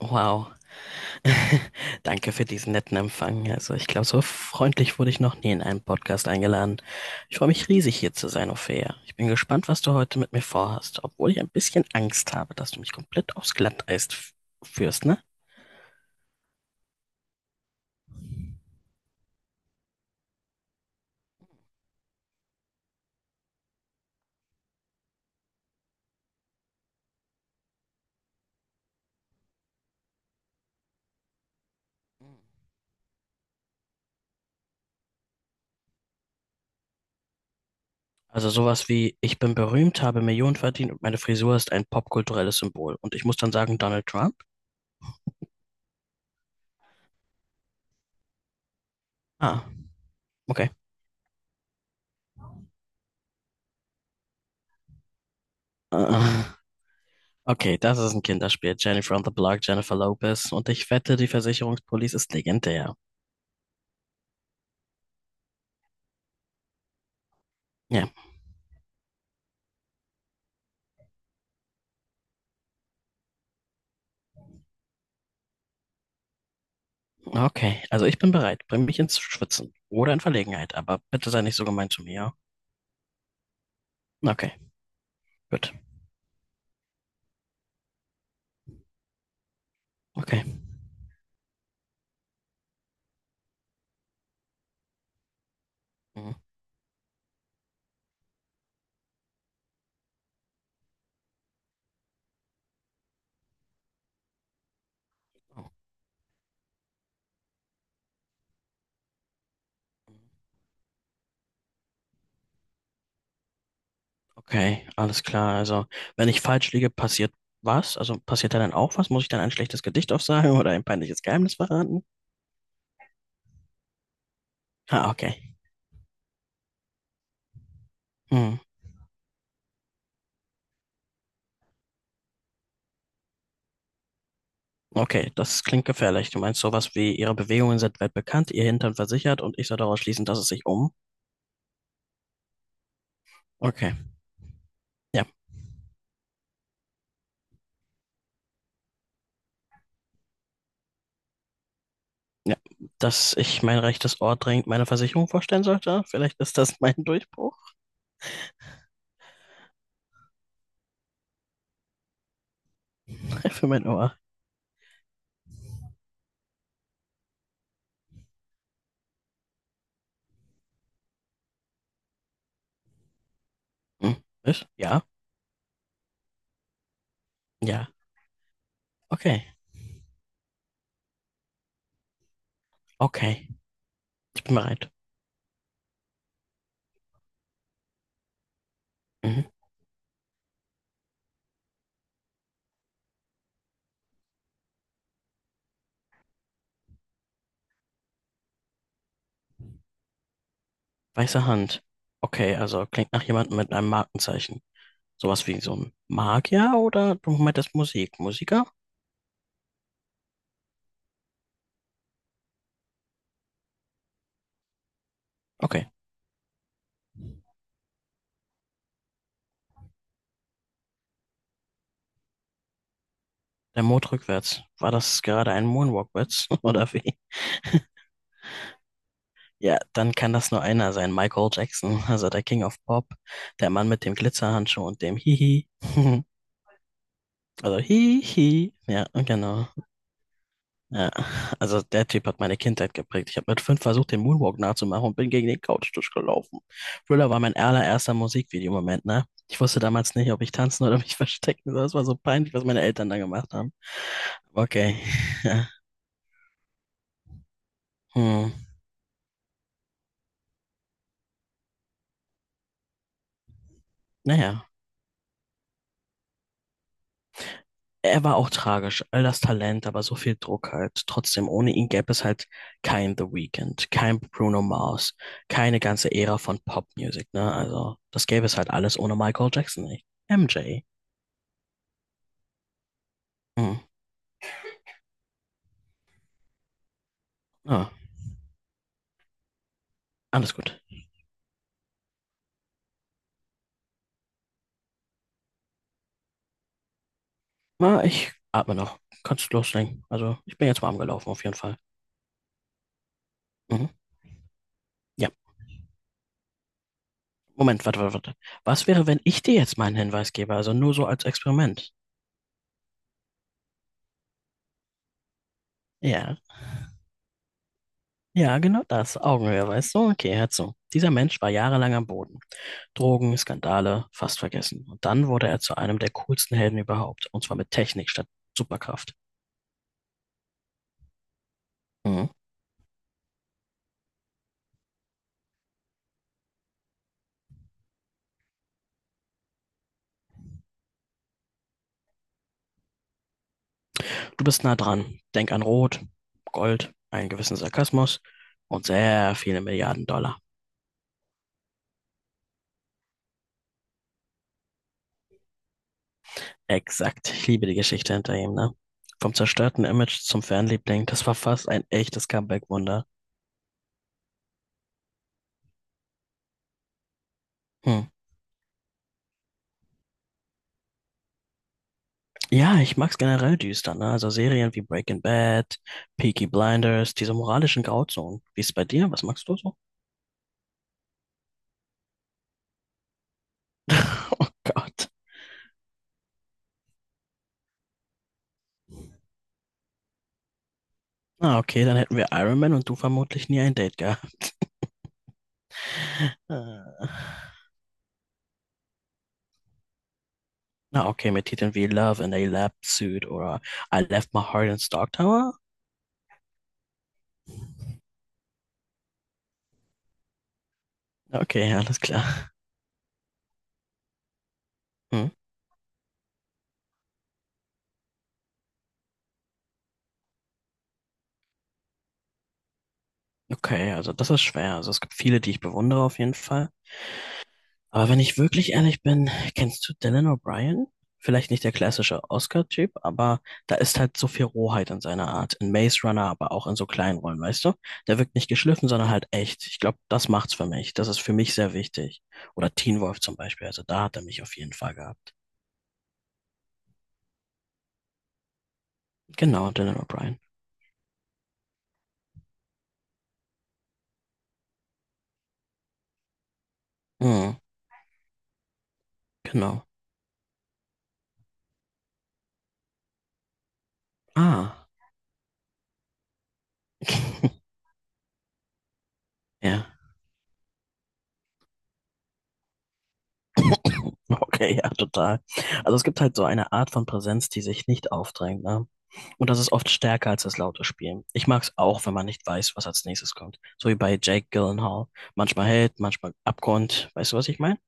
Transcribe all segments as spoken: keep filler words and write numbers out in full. Wow. Danke für diesen netten Empfang. Also ich glaube, so freundlich wurde ich noch nie in einen Podcast eingeladen. Ich freue mich riesig, hier zu sein, Ophäa. Ich bin gespannt, was du heute mit mir vorhast, obwohl ich ein bisschen Angst habe, dass du mich komplett aufs Glatteis f- führst, ne? Also sowas wie, ich bin berühmt, habe Millionen verdient und meine Frisur ist ein popkulturelles Symbol. Und ich muss dann sagen, Donald Trump? Ah, okay. Äh, Okay, das ist ein Kinderspiel. Jennifer on the Block, Jennifer Lopez. Und ich wette, die Versicherungspolice ist legendär. Ja. Okay, also ich bin bereit. Bring mich ins Schwitzen oder in Verlegenheit, aber bitte sei nicht so gemein zu mir. Ja? Okay, gut. Okay. Mhm. Okay, alles klar. Also, wenn ich falsch liege, passiert was? Also, passiert da dann auch was? Muss ich dann ein schlechtes Gedicht aufsagen oder ein peinliches Geheimnis verraten? Ah, okay. Hm. Okay, das klingt gefährlich. Du meinst sowas wie, ihre Bewegungen sind weit bekannt, ihr Hintern versichert und ich soll daraus schließen, dass es sich um. Okay, ja, ja. Dass ich mein rechtes Ohr dringend meiner Versicherung vorstellen sollte? Vielleicht ist das mein Durchbruch? Für mein Ohr. Hm. Was? Ja? Ja. Okay. Okay. Ich bin bereit. Mhm. Weiße Hand. Okay, also klingt nach jemandem mit einem Markenzeichen. Sowas wie so ein Magier oder du meintest Musik? Musiker? Okay. Der Mond rückwärts. War das gerade ein Moonwalkwitz oder wie? Ja, dann kann das nur einer sein. Michael Jackson, also der King of Pop. Der Mann mit dem Glitzerhandschuh und dem Hihi. Also Hihi. Ja, genau. Ja, also der Typ hat meine Kindheit geprägt. Ich habe mit fünf versucht, den Moonwalk nachzumachen und bin gegen den Couchtisch gelaufen. Thriller war mein allererster Musikvideomoment, ne? Ich wusste damals nicht, ob ich tanzen oder mich verstecken soll. Es war so peinlich, was meine Eltern da gemacht haben. Okay. Ja. Hm. Naja. Er war auch tragisch, all das Talent, aber so viel Druck halt. Trotzdem, ohne ihn gäbe es halt kein The Weeknd, kein Bruno Mars, keine ganze Ära von Popmusik, ne? Also, das gäbe es halt alles ohne Michael Jackson nicht. M J. Hm. Ah, alles gut. Na, ich atme noch. Kannst loslegen. Also, ich bin jetzt warm gelaufen, auf jeden Fall. Mhm. Ja. Moment, warte, warte, warte. Was wäre, wenn ich dir jetzt meinen Hinweis gebe? Also nur so als Experiment. Ja, ja, genau das. Augenhöhe, weißt du? Okay, hör zu. Dieser Mensch war jahrelang am Boden. Drogen, Skandale, fast vergessen. Und dann wurde er zu einem der coolsten Helden überhaupt. Und zwar mit Technik statt Superkraft. Mhm. Du bist nah dran. Denk an Rot, Gold, einen gewissen Sarkasmus und sehr viele Milliarden Dollar. Exakt. Ich liebe die Geschichte hinter ihm, ne? Vom zerstörten Image zum Fanliebling, das war fast ein echtes Comeback-Wunder. Hm. Ja, ich mag's generell düster, ne? Also Serien wie Breaking Bad, Peaky Blinders, diese moralischen Grauzonen. Wie ist bei dir? Was magst du so? Oh Gott. Na, okay, dann hätten wir Iron Man und du vermutlich nie ein Date gehabt. Äh, Na, okay, mit Titeln wie Love in a Lab Suit oder I Left My Heart in Stark Tower? Okay, alles klar. Hm. Okay, also das ist schwer. Also es gibt viele, die ich bewundere auf jeden Fall. Aber wenn ich wirklich ehrlich bin, kennst du Dylan O'Brien? Vielleicht nicht der klassische Oscar-Typ, aber da ist halt so viel Rohheit in seiner Art. In Maze Runner, aber auch in so kleinen Rollen, weißt du? Der wirkt nicht geschliffen, sondern halt echt. Ich glaube, das macht's für mich. Das ist für mich sehr wichtig. Oder Teen Wolf zum Beispiel. Also da hat er mich auf jeden Fall gehabt. Genau, Dylan O'Brien. Hm, genau. Ah. Ja. Okay, ja, total. Also es gibt halt so eine Art von Präsenz, die sich nicht aufdrängt, ne? Und das ist oft stärker als das laute Spielen. Ich mag es auch, wenn man nicht weiß, was als nächstes kommt. So wie bei Jake Gyllenhaal. Manchmal hält, manchmal abgrund. Weißt du, was ich meine?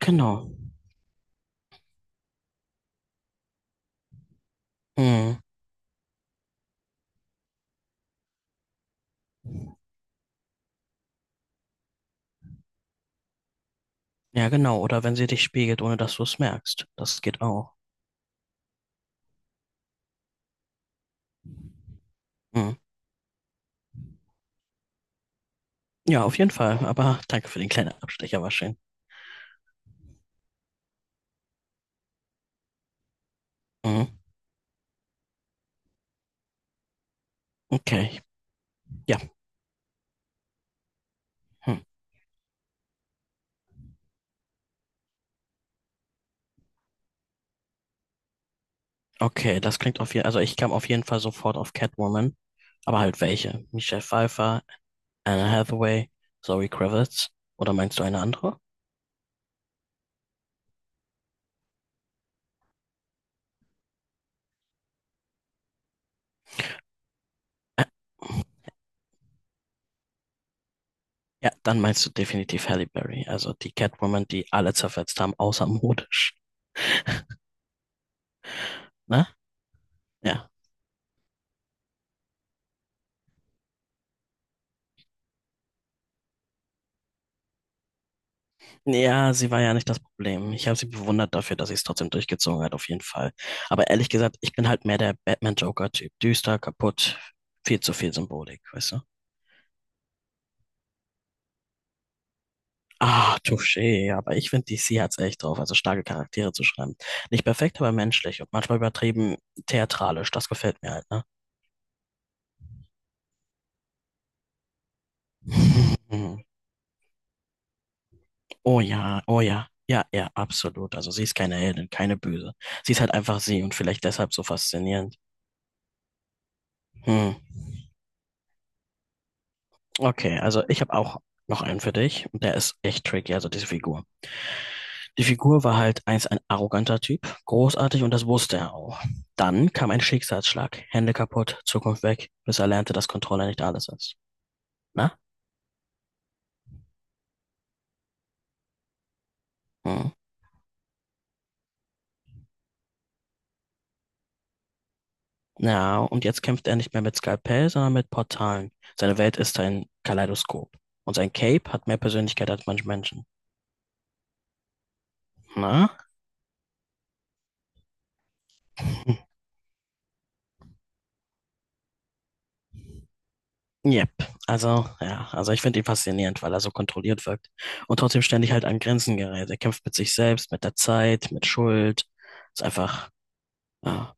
Genau. Hm. Ja, genau. Oder wenn sie dich spiegelt, ohne dass du es merkst. Das geht auch. Hm. Ja, auf jeden Fall. Aber danke für den kleinen Abstecher, war schön. Mhm. Okay. Ja. Hm. Okay, das klingt auf jeden Fall. Also ich kam auf jeden Fall sofort auf Catwoman. Aber halt welche? Michelle Pfeiffer, Anne Hathaway, Zoe Kravitz. Oder meinst du eine andere? Äh, Ja, dann meinst du definitiv Halle Berry, also die Catwoman, die alle zerfetzt haben, außer modisch, ne? Ja. Ja, sie war ja nicht das Problem. Ich habe sie bewundert dafür, dass sie es trotzdem durchgezogen hat, auf jeden Fall. Aber ehrlich gesagt, ich bin halt mehr der Batman-Joker-Typ. Düster, kaputt, viel zu viel Symbolik, weißt du? Ah, touché, aber ich finde, D C hat's echt drauf, also starke Charaktere zu schreiben. Nicht perfekt, aber menschlich und manchmal übertrieben theatralisch. Das gefällt mir halt, ne? Hm. Oh ja, oh ja. Ja, ja, absolut. Also sie ist keine Heldin, keine Böse. Sie ist halt einfach sie und vielleicht deshalb so faszinierend. Hm. Okay, also ich habe auch noch einen für dich und der ist echt tricky, also diese Figur. Die Figur war halt einst ein arroganter Typ, großartig und das wusste er auch. Dann kam ein Schicksalsschlag, Hände kaputt, Zukunft weg, bis er lernte, dass Kontrolle nicht alles ist. Na? Hm. Ja, und jetzt kämpft er nicht mehr mit Skalpell, sondern mit Portalen. Seine Welt ist ein Kaleidoskop. Und sein Cape hat mehr Persönlichkeit als manche Menschen. Na? Yep. Also, ja, also ich finde ihn faszinierend, weil er so kontrolliert wirkt. Und trotzdem ständig halt an Grenzen gerät. Er kämpft mit sich selbst, mit der Zeit, mit Schuld. Ist einfach, ja,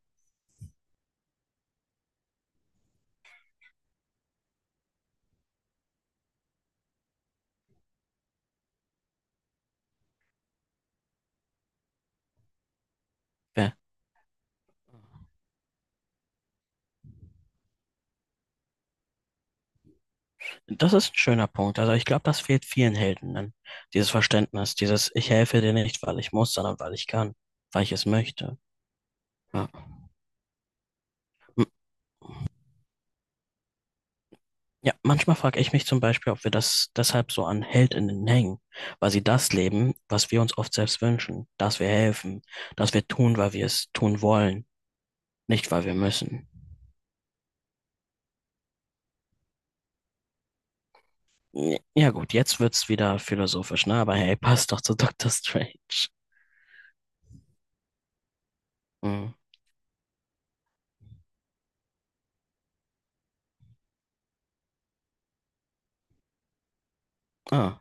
wer- das ist ein schöner Punkt. Also ich glaube, das fehlt vielen Helden. Dann. Dieses Verständnis, dieses Ich helfe dir nicht, weil ich muss, sondern weil ich kann, weil ich es möchte. Ja. Ja, manchmal frage ich mich zum Beispiel, ob wir das deshalb so an Heldinnen hängen, weil sie das leben, was wir uns oft selbst wünschen, dass wir helfen, dass wir tun, weil wir es tun wollen, nicht weil wir müssen. Ja ja gut, jetzt wird's wieder philosophisch, ne? Aber hey, passt doch zu Doctor Strange. Mhm. Ah.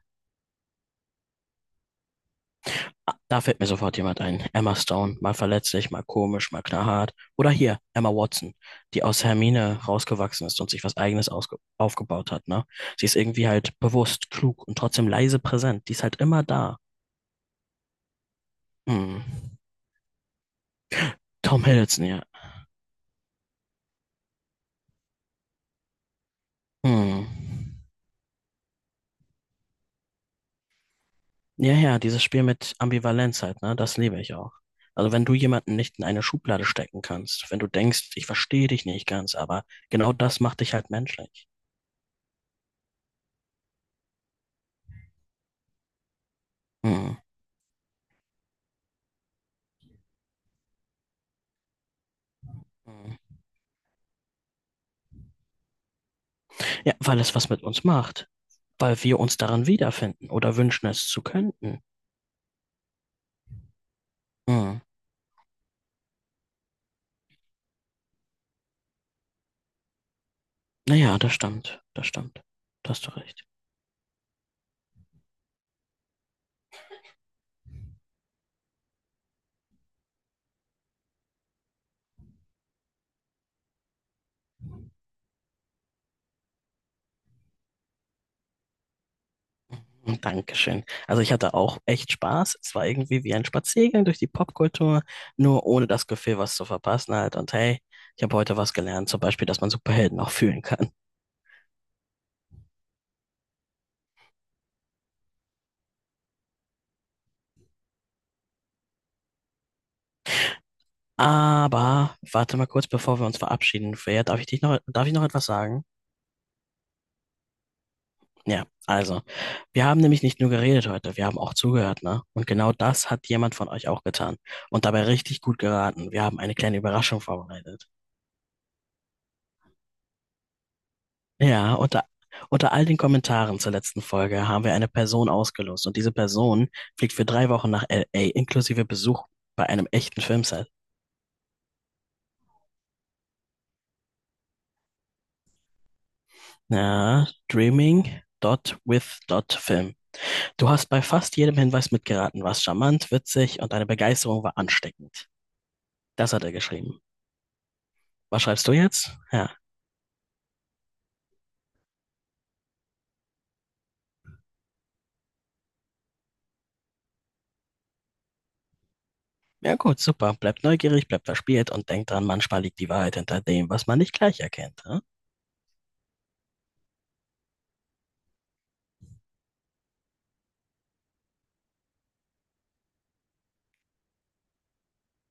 Ah, da fällt mir sofort jemand ein. Emma Stone, mal verletzlich, mal komisch, mal knallhart. Oder hier, Emma Watson, die aus Hermine rausgewachsen ist und sich was Eigenes ausge- aufgebaut hat, ne? Sie ist irgendwie halt bewusst, klug und trotzdem leise präsent. Die ist halt immer da. Hm. Tom Hiddleston, ja. Hm. Ja, ja, dieses Spiel mit Ambivalenz halt, ne? Das liebe ich auch. Also wenn du jemanden nicht in eine Schublade stecken kannst, wenn du denkst, ich verstehe dich nicht ganz, aber genau das macht dich halt menschlich. Hm. Ja, weil es was mit uns macht. Weil wir uns darin wiederfinden oder wünschen es zu könnten. Hm. Naja, das stimmt, das stimmt. Da hast du recht. Hm, dankeschön. Also ich hatte auch echt Spaß. Es war irgendwie wie ein Spaziergang durch die Popkultur, nur ohne das Gefühl, was zu verpassen halt. Und hey, ich habe heute was gelernt, zum Beispiel, dass man Superhelden auch fühlen kann. Aber warte mal kurz, bevor wir uns verabschieden, Freya, darf ich dich noch, darf ich noch etwas sagen? Ja, also, wir haben nämlich nicht nur geredet heute, wir haben auch zugehört, ne? Und genau das hat jemand von euch auch getan. Und dabei richtig gut geraten. Wir haben eine kleine Überraschung vorbereitet. Ja, unter, unter all den Kommentaren zur letzten Folge haben wir eine Person ausgelost. Und diese Person fliegt für drei Wochen nach L A, inklusive Besuch bei einem echten Filmset. Ja, Dreaming. Dot with dot Film. Du hast bei fast jedem Hinweis mitgeraten, warst charmant, witzig und deine Begeisterung war ansteckend. Das hat er geschrieben. Was schreibst du jetzt? Ja. Ja gut, super. Bleibt neugierig, bleibt verspielt und denkt dran, manchmal liegt die Wahrheit hinter dem, was man nicht gleich erkennt. Ne?